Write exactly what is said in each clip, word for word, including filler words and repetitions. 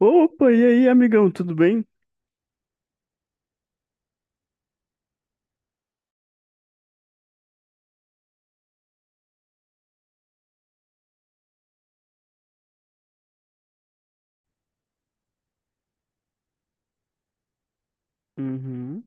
Opa, e aí, amigão, tudo bem? Uhum,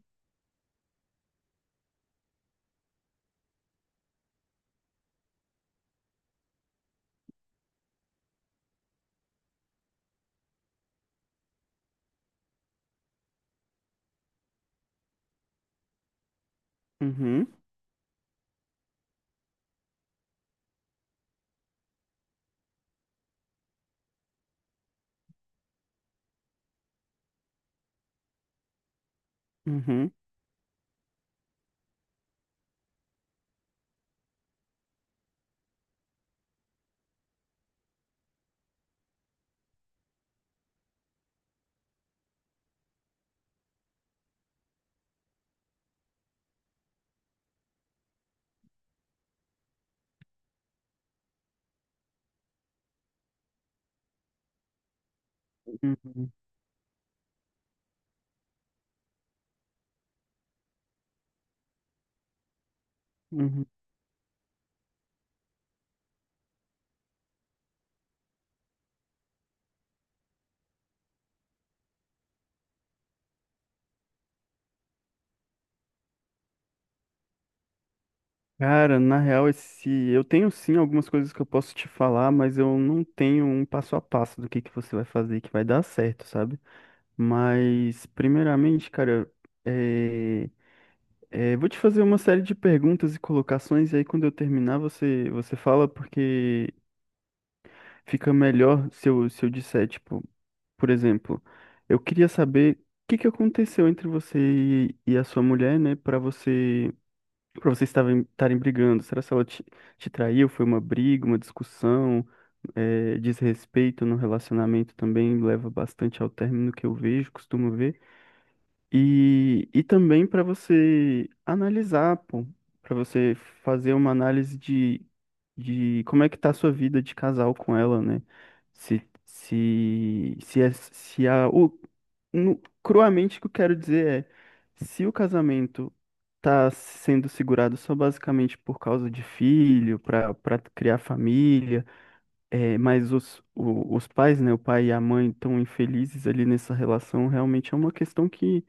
uhum, uhum, uhum, uhum. Cara, na real, esse... eu tenho sim algumas coisas que eu posso te falar, mas eu não tenho um passo a passo do que que você vai fazer que vai dar certo, sabe? Mas, primeiramente, cara, é... é, vou te fazer uma série de perguntas e colocações, e aí quando eu terminar, você, você fala, porque fica melhor se eu, se eu disser, tipo. Por exemplo, eu queria saber o que que aconteceu entre você e, e a sua mulher, né, para você, para vocês estarem estarem brigando. Será que ela te, te traiu? Foi uma briga, uma discussão? É, desrespeito no relacionamento também leva bastante ao término que eu vejo, costumo ver. E, e também para você analisar, pô, para você fazer uma análise de, de como é que tá a sua vida de casal com ela, né? Se, se, se, é- se a, o, no- Cruamente, o que eu quero dizer é, se o casamento tá sendo segurado só basicamente por causa de filho, para para criar família, é, mas os, o- os pais, né, o pai e a mãe estão infelizes ali nessa relação, realmente é uma questão que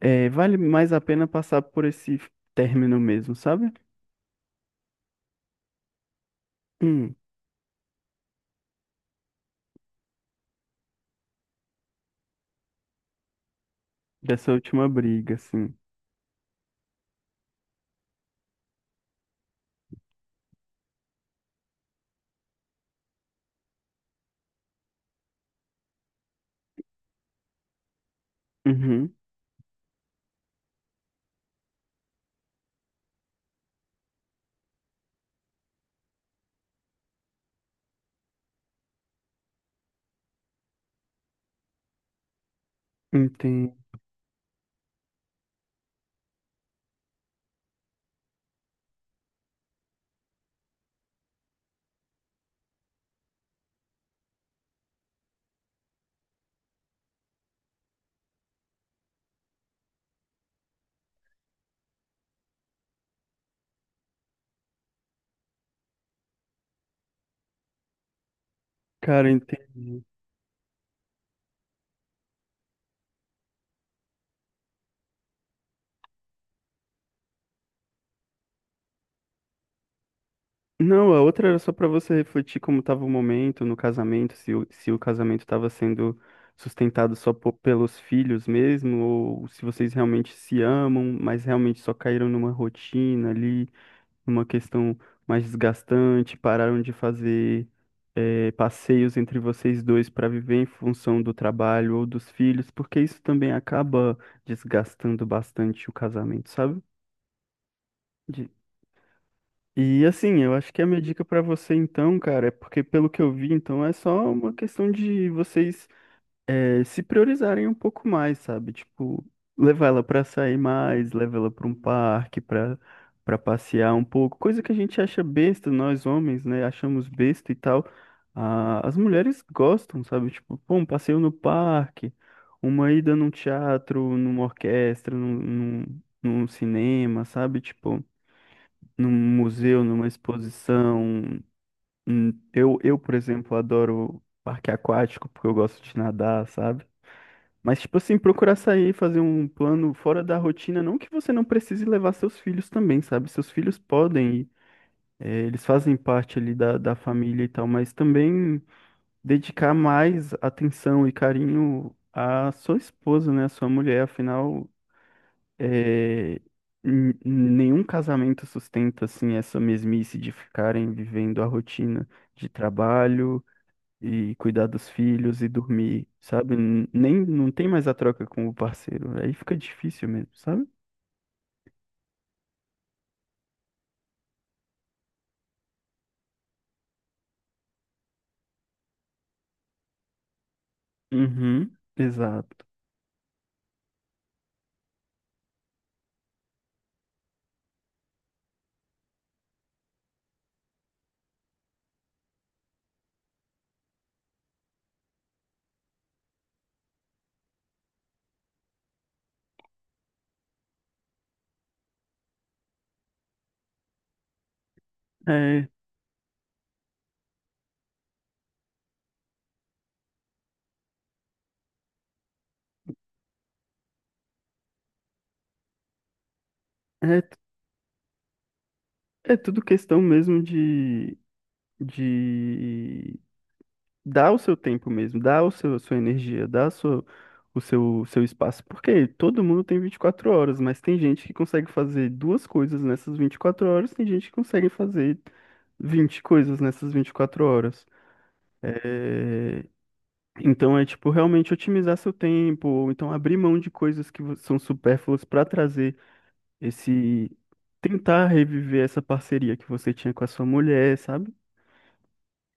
é, vale mais a pena passar por esse término mesmo, sabe? Hum, dessa última briga, assim. Uhum, entendo. Cara, entendi. Não, a outra era só pra você refletir como estava o momento no casamento, se o, se o casamento estava sendo sustentado só po- pelos filhos mesmo, ou se vocês realmente se amam, mas realmente só caíram numa rotina ali, numa questão mais desgastante, pararam de fazer eh, passeios entre vocês dois para viver em função do trabalho ou dos filhos, porque isso também acaba desgastando bastante o casamento, sabe? E assim, eu acho que a minha dica pra você então, cara, é porque pelo que eu vi, então é só uma questão de vocês eh, se priorizarem um pouco mais, sabe? Tipo, levar ela pra sair mais, levar ela pra um parque, pra para passear um pouco, coisa que a gente acha besta, nós homens, né? Achamos besta e tal. Ah, as mulheres gostam, sabe? Tipo, pô, um passeio no parque, uma ida num teatro, numa orquestra, num, num, num cinema, sabe? Tipo num museu, numa exposição. Hum, Eu, eu, por exemplo, adoro parque aquático porque eu gosto de nadar, sabe? Mas, tipo assim, procurar sair, fazer um plano fora da rotina, não que você não precise levar seus filhos também, sabe? Seus filhos podem ir, eh, eles fazem parte ali da, da família e tal, mas também dedicar mais atenção e carinho à sua esposa, né? À sua mulher, afinal. É, n- nenhum casamento sustenta assim essa mesmice de ficarem vivendo a rotina de trabalho e cuidar dos filhos e dormir, sabe? N- Nem não tem mais a troca com o parceiro. Aí fica difícil mesmo, sabe? Uhum, exato. É, é, é tudo questão mesmo de, de dá o seu tempo mesmo, dá o seu, a sua energia, dá a sua, o seu, o seu espaço. Porque todo mundo tem vinte e quatro horas, mas tem gente que consegue fazer duas coisas nessas vinte e quatro horas, tem gente que consegue fazer vinte coisas nessas vinte e quatro horas. É, então é tipo realmente otimizar seu tempo, ou então abrir mão de coisas que vo- são supérfluas para trazer esse. Tentar reviver essa parceria que você tinha com a sua mulher, sabe?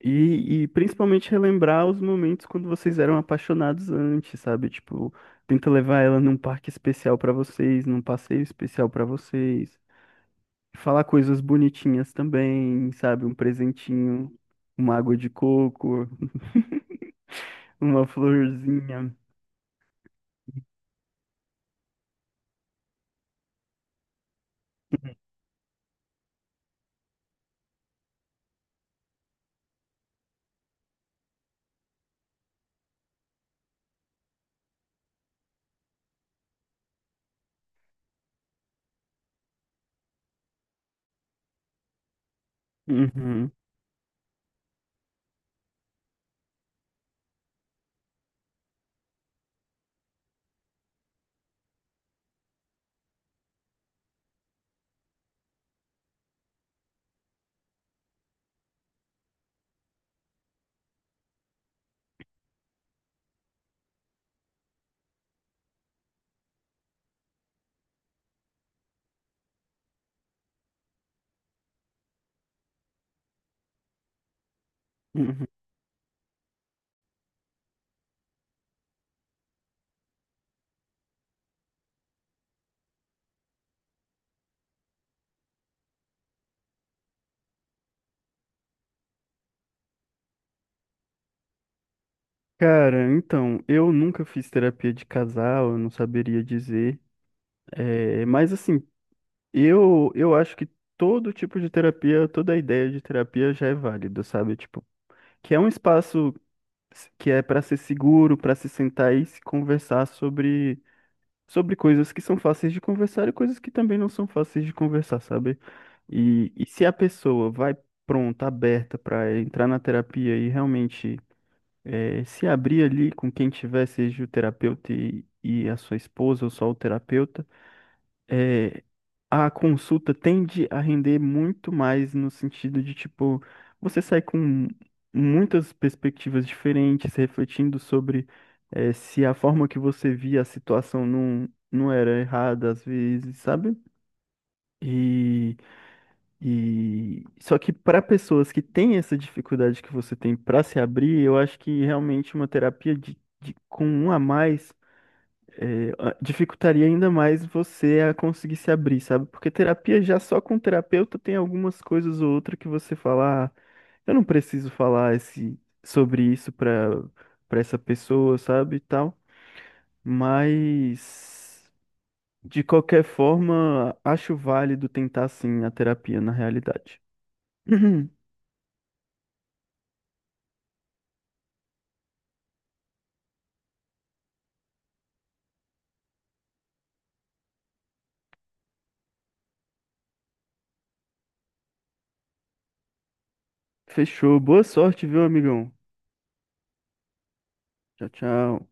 E, e principalmente relembrar os momentos quando vocês eram apaixonados antes, sabe? Tipo, tenta levar ela num parque especial pra vocês, num passeio especial pra vocês. Falar coisas bonitinhas também, sabe? Um presentinho, uma água de coco, uma florzinha. Uhum, uhum. Cara, então, eu nunca fiz terapia de casal, eu não saberia dizer. É, mas assim, Eu, eu acho que todo tipo de terapia, toda ideia de terapia já é válida, sabe? Tipo, que é um espaço s- que é para ser seguro, para se sentar e se conversar sobre, sobre coisas que são fáceis de conversar e coisas que também não são fáceis de conversar, sabe? E, e se a pessoa vai pronta, aberta para entrar na terapia e realmente eh, se abrir ali com quem tiver, seja o terapeuta e, e a sua esposa ou só o terapeuta. eh, a consulta tende a render muito mais no sentido de, tipo, você sai com muitas perspectivas diferentes, refletindo sobre eh, se a forma que você via a situação não, não era errada às vezes, sabe? E, e só que para pessoas que têm essa dificuldade que você tem para se abrir, eu acho que realmente uma terapia de, de- com um a mais é, a- dificultaria ainda mais você a conseguir se abrir, sabe? Porque terapia já só com terapeuta tem algumas coisas ou outra que você fala, ah, eu não preciso falar esse, sobre isso para para essa pessoa, sabe? E tal. Mas de qualquer forma, acho válido tentar sim a terapia na realidade. Fechou. Boa sorte, viu, amigão? Tchau, tchau.